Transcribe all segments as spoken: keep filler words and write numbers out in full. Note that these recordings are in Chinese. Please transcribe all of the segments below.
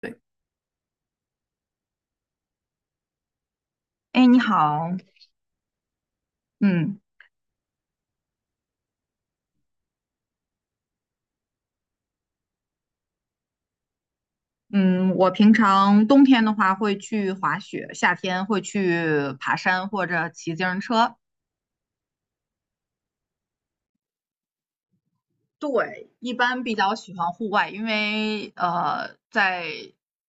对，哎，你好。嗯嗯，我平常冬天的话会去滑雪，夏天会去爬山或者骑自行车。对，一般比较喜欢户外，因为呃，在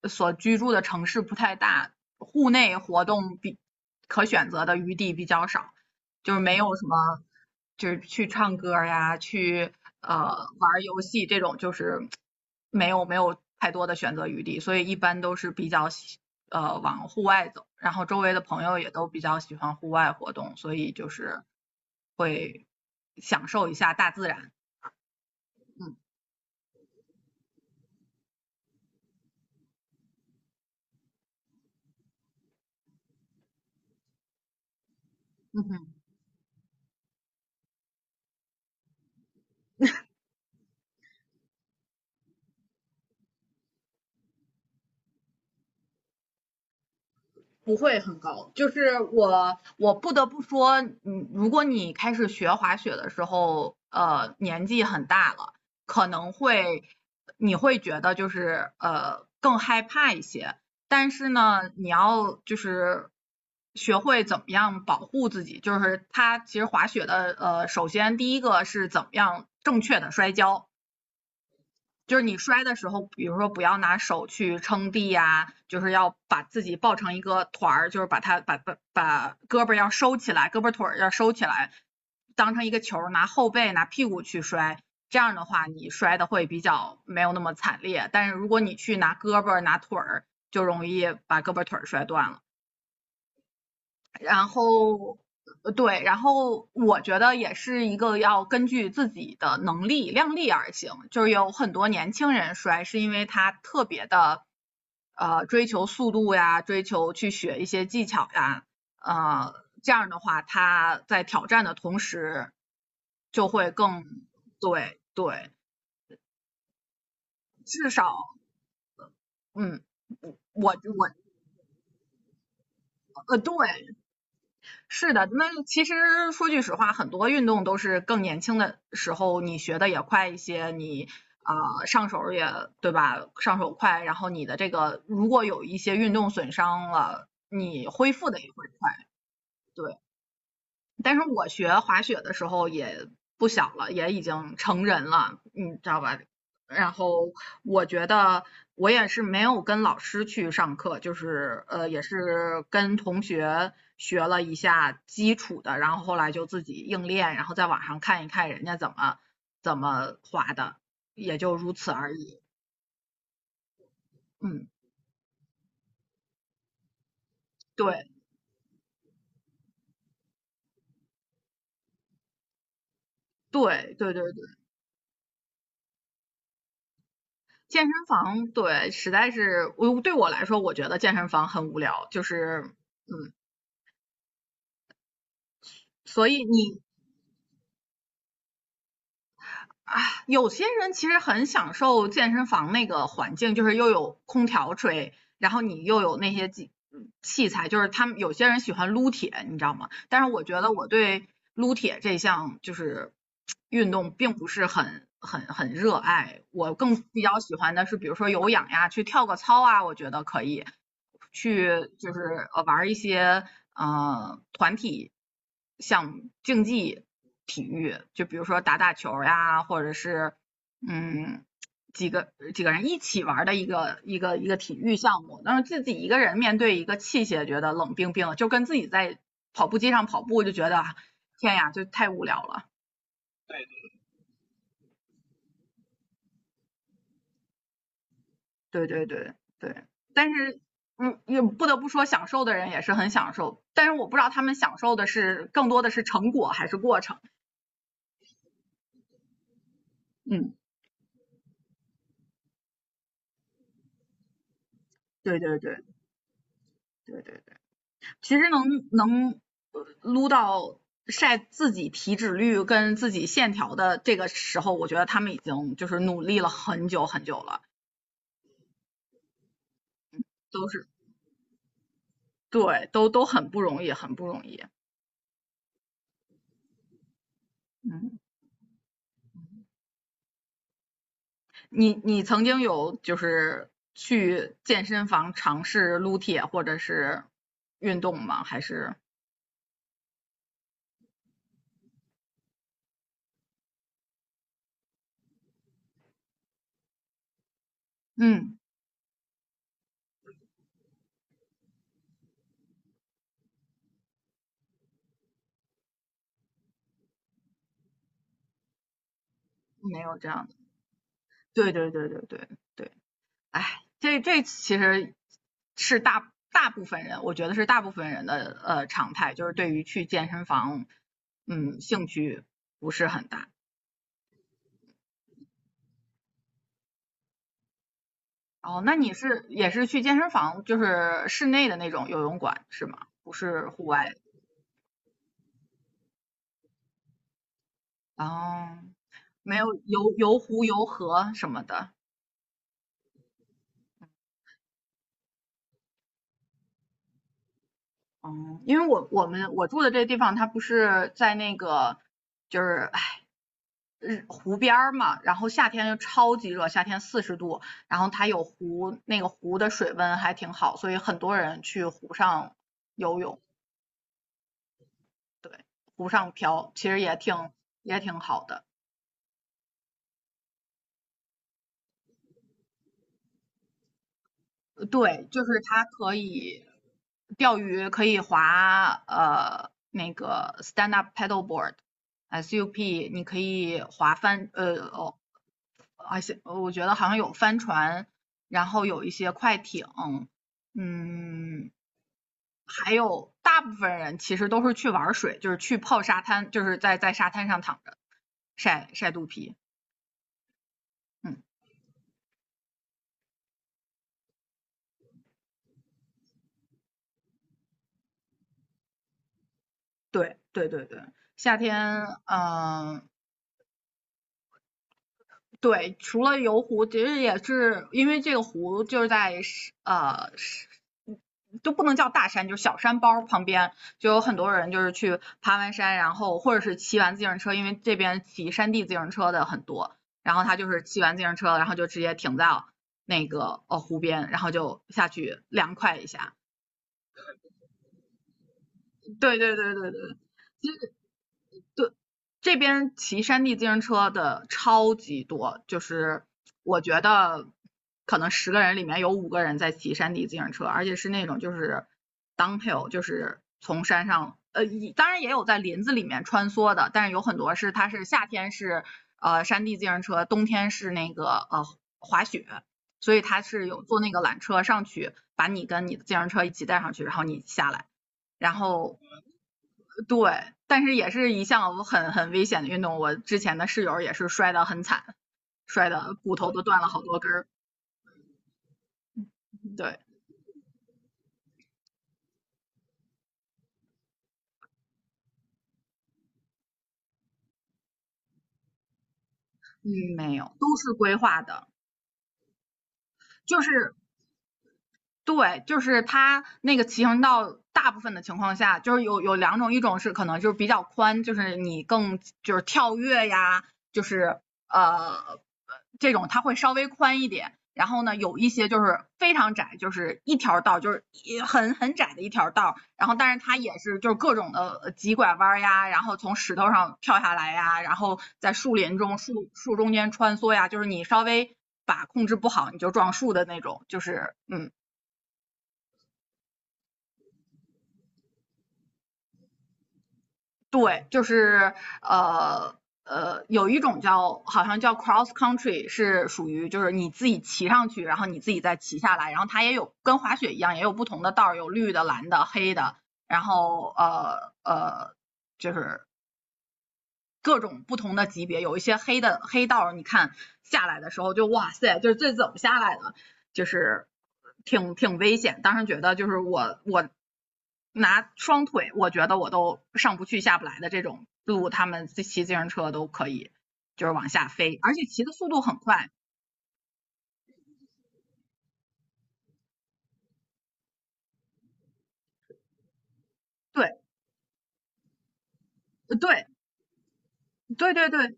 所居住的城市不太大，户内活动比可选择的余地比较少，就是没有什么，就是去唱歌呀，去呃玩儿游戏这种，就是没有没有太多的选择余地，所以一般都是比较喜呃往户外走，然后周围的朋友也都比较喜欢户外活动，所以就是会享受一下大自然。嗯。嗯哼，不会很高。就是我，我不得不说，嗯，如果你开始学滑雪的时候，呃，年纪很大了，可能会你会觉得就是呃更害怕一些。但是呢，你要就是学会怎么样保护自己，就是它其实滑雪的呃，首先第一个是怎么样正确的摔跤，就是你摔的时候，比如说不要拿手去撑地呀，就是要把自己抱成一个团儿，就是把它把把把胳膊要收起来，胳膊腿儿要收起来，当成一个球拿后背拿屁股去摔。这样的话，你摔的会比较没有那么惨烈。但是如果你去拿胳膊拿腿儿，就容易把胳膊腿儿摔断了。然后，呃对，然后我觉得也是一个要根据自己的能力量力而行，就是有很多年轻人摔是因为他特别的，呃，追求速度呀，追求去学一些技巧呀，呃，这样的话他在挑战的同时就会更，对对，至少，嗯，我我我呃对。是的，那其实说句实话，很多运动都是更年轻的时候你学的也快一些，你啊、呃上手儿也对吧？上手快，然后你的这个如果有一些运动损伤了，你恢复的也会快。对，但是我学滑雪的时候也不小了，也已经成人了，你知道吧？然后我觉得我也是没有跟老师去上课，就是呃，也是跟同学学了一下基础的，然后后来就自己硬练，然后在网上看一看人家怎么怎么滑的，也就如此而已。嗯，对对对对对，健身房对，实在是我对我来说，我觉得健身房很无聊，就是。嗯。所以你啊，有些人其实很享受健身房那个环境，就是又有空调吹，然后你又有那些器器材，就是他们有些人喜欢撸铁，你知道吗？但是我觉得我对撸铁这项就是运动并不是很很很热爱，我更比较喜欢的是比如说有氧呀，去跳个操啊，我觉得可以，去就是呃玩一些呃团体像竞技体育，就比如说打打球呀，或者是嗯几个几个人一起玩的一个一个一个体育项目，但是自己一个人面对一个器械，觉得冷冰冰的，就跟自己在跑步机上跑步就觉得啊天呀，就太无聊了。对对对对，但是嗯，也不得不说，享受的人也是很享受，但是我不知道他们享受的是更多的是成果还是过程。嗯，对对对对对。其实能能呃撸到晒自己体脂率跟自己线条的这个时候，我觉得他们已经就是努力了很久很久了，都是对，都都很不容易，很不容易。嗯，你你曾经有就是去健身房尝试撸铁或者是运动吗？还是嗯，没有这样的。对对对对对对。哎，这这其实是大大部分人，我觉得是大部分人的呃常态，就是对于去健身房，嗯，兴趣不是很大。哦，那你是也是去健身房，就是室内的那种游泳馆是吗？不是户外。哦，没有游游湖、游河什么的。嗯，因为我我们我住的这个地方，它不是在那个就是哎，日湖边儿嘛，然后夏天又超级热，夏天四十度，然后它有湖，那个湖的水温还挺好，所以很多人去湖上游泳，对，湖上漂，其实也挺也挺好的。呃对，就是它可以钓鱼，可以划呃那个 stand up paddleboard。S U P,你可以划帆，呃，哦。而且呃我觉得好像有帆船，然后有一些快艇，嗯，还有大部分人其实都是去玩水，就是去泡沙滩，就是在在沙滩上躺着晒晒肚皮。嗯，对对对对，夏天，嗯、对，除了游湖，其实也是因为这个湖就是在呃就不能叫大山，就是小山包旁边就有很多人就是去爬完山，然后或者是骑完自行车，因为这边骑山地自行车的很多，然后他就是骑完自行车，然后就直接停在那个呃湖边，然后就下去凉快一下。对对对对对对，这边骑山地自行车的超级多，就是我觉得可能十个人里面有五个人在骑山地自行车，而且是那种就是 downhill,就是从山上，呃，当然也有在林子里面穿梭的，但是有很多是它是夏天是呃山地自行车，冬天是那个呃滑雪，所以它是有坐那个缆车上去，把你跟你的自行车一起带上去，然后你下来。然后对，但是也是一项很很危险的运动。我之前的室友也是摔得很惨，摔的骨头都断了好多根儿。对，嗯，没有，都是规划的，就是对，就是它那个骑行道，大部分的情况下就是有有两种，一种是可能就是比较宽，就是你更就是跳跃呀，就是呃这种它会稍微宽一点。然后呢，有一些就是非常窄，就是一条道，就是也很很窄的一条道。然后，但是它也是就是各种的急拐弯呀，然后从石头上跳下来呀，然后在树林中树树中间穿梭呀，就是你稍微把控制不好，你就撞树的那种，就是嗯。对，就是呃呃，有一种叫好像叫 cross country,是属于就是你自己骑上去，然后你自己再骑下来，然后它也有跟滑雪一样，也有不同的道儿，有绿的、蓝的、黑的，然后呃呃，就是各种不同的级别，有一些黑的黑道，你看下来的时候就哇塞，就是这怎么下来的，就是挺挺危险。当时觉得就是我我拿双腿，我觉得我都上不去下不来的这种路，他们骑自行车都可以，就是往下飞，而且骑的速度很快。对对对对对，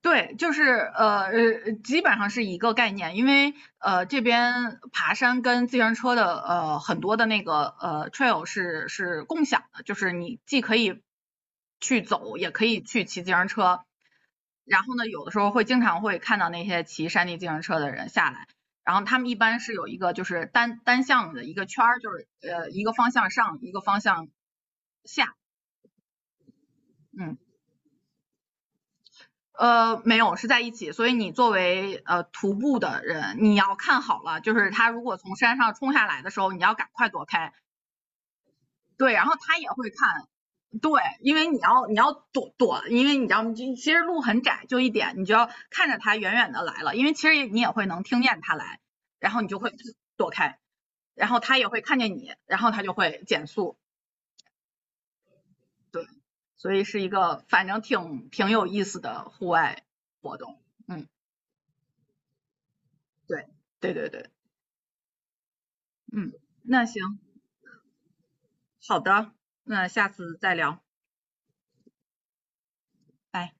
对，就是呃呃，基本上是一个概念，因为呃这边爬山跟自行车的呃很多的那个呃 trail 是是共享的，就是你既可以去走，也可以去骑自行车。然后呢，有的时候会经常会看到那些骑山地自行车的人下来，然后他们一般是有一个就是单单向的一个圈儿，就是呃一个方向上，一个方向下，嗯。呃，没有，是在一起。所以你作为呃徒步的人，你要看好了，就是他如果从山上冲下来的时候，你要赶快躲开。对，然后他也会看，对，因为你要你要躲躲，因为你知道，其实路很窄，就一点，你就要看着他远远的来了，因为其实你也会能听见他来，然后你就会躲开，然后他也会看见你，然后他就会减速。对，所以是一个反正挺挺有意思的户外活动。嗯，对，对对对。嗯，那行，好的，那下次再聊，拜。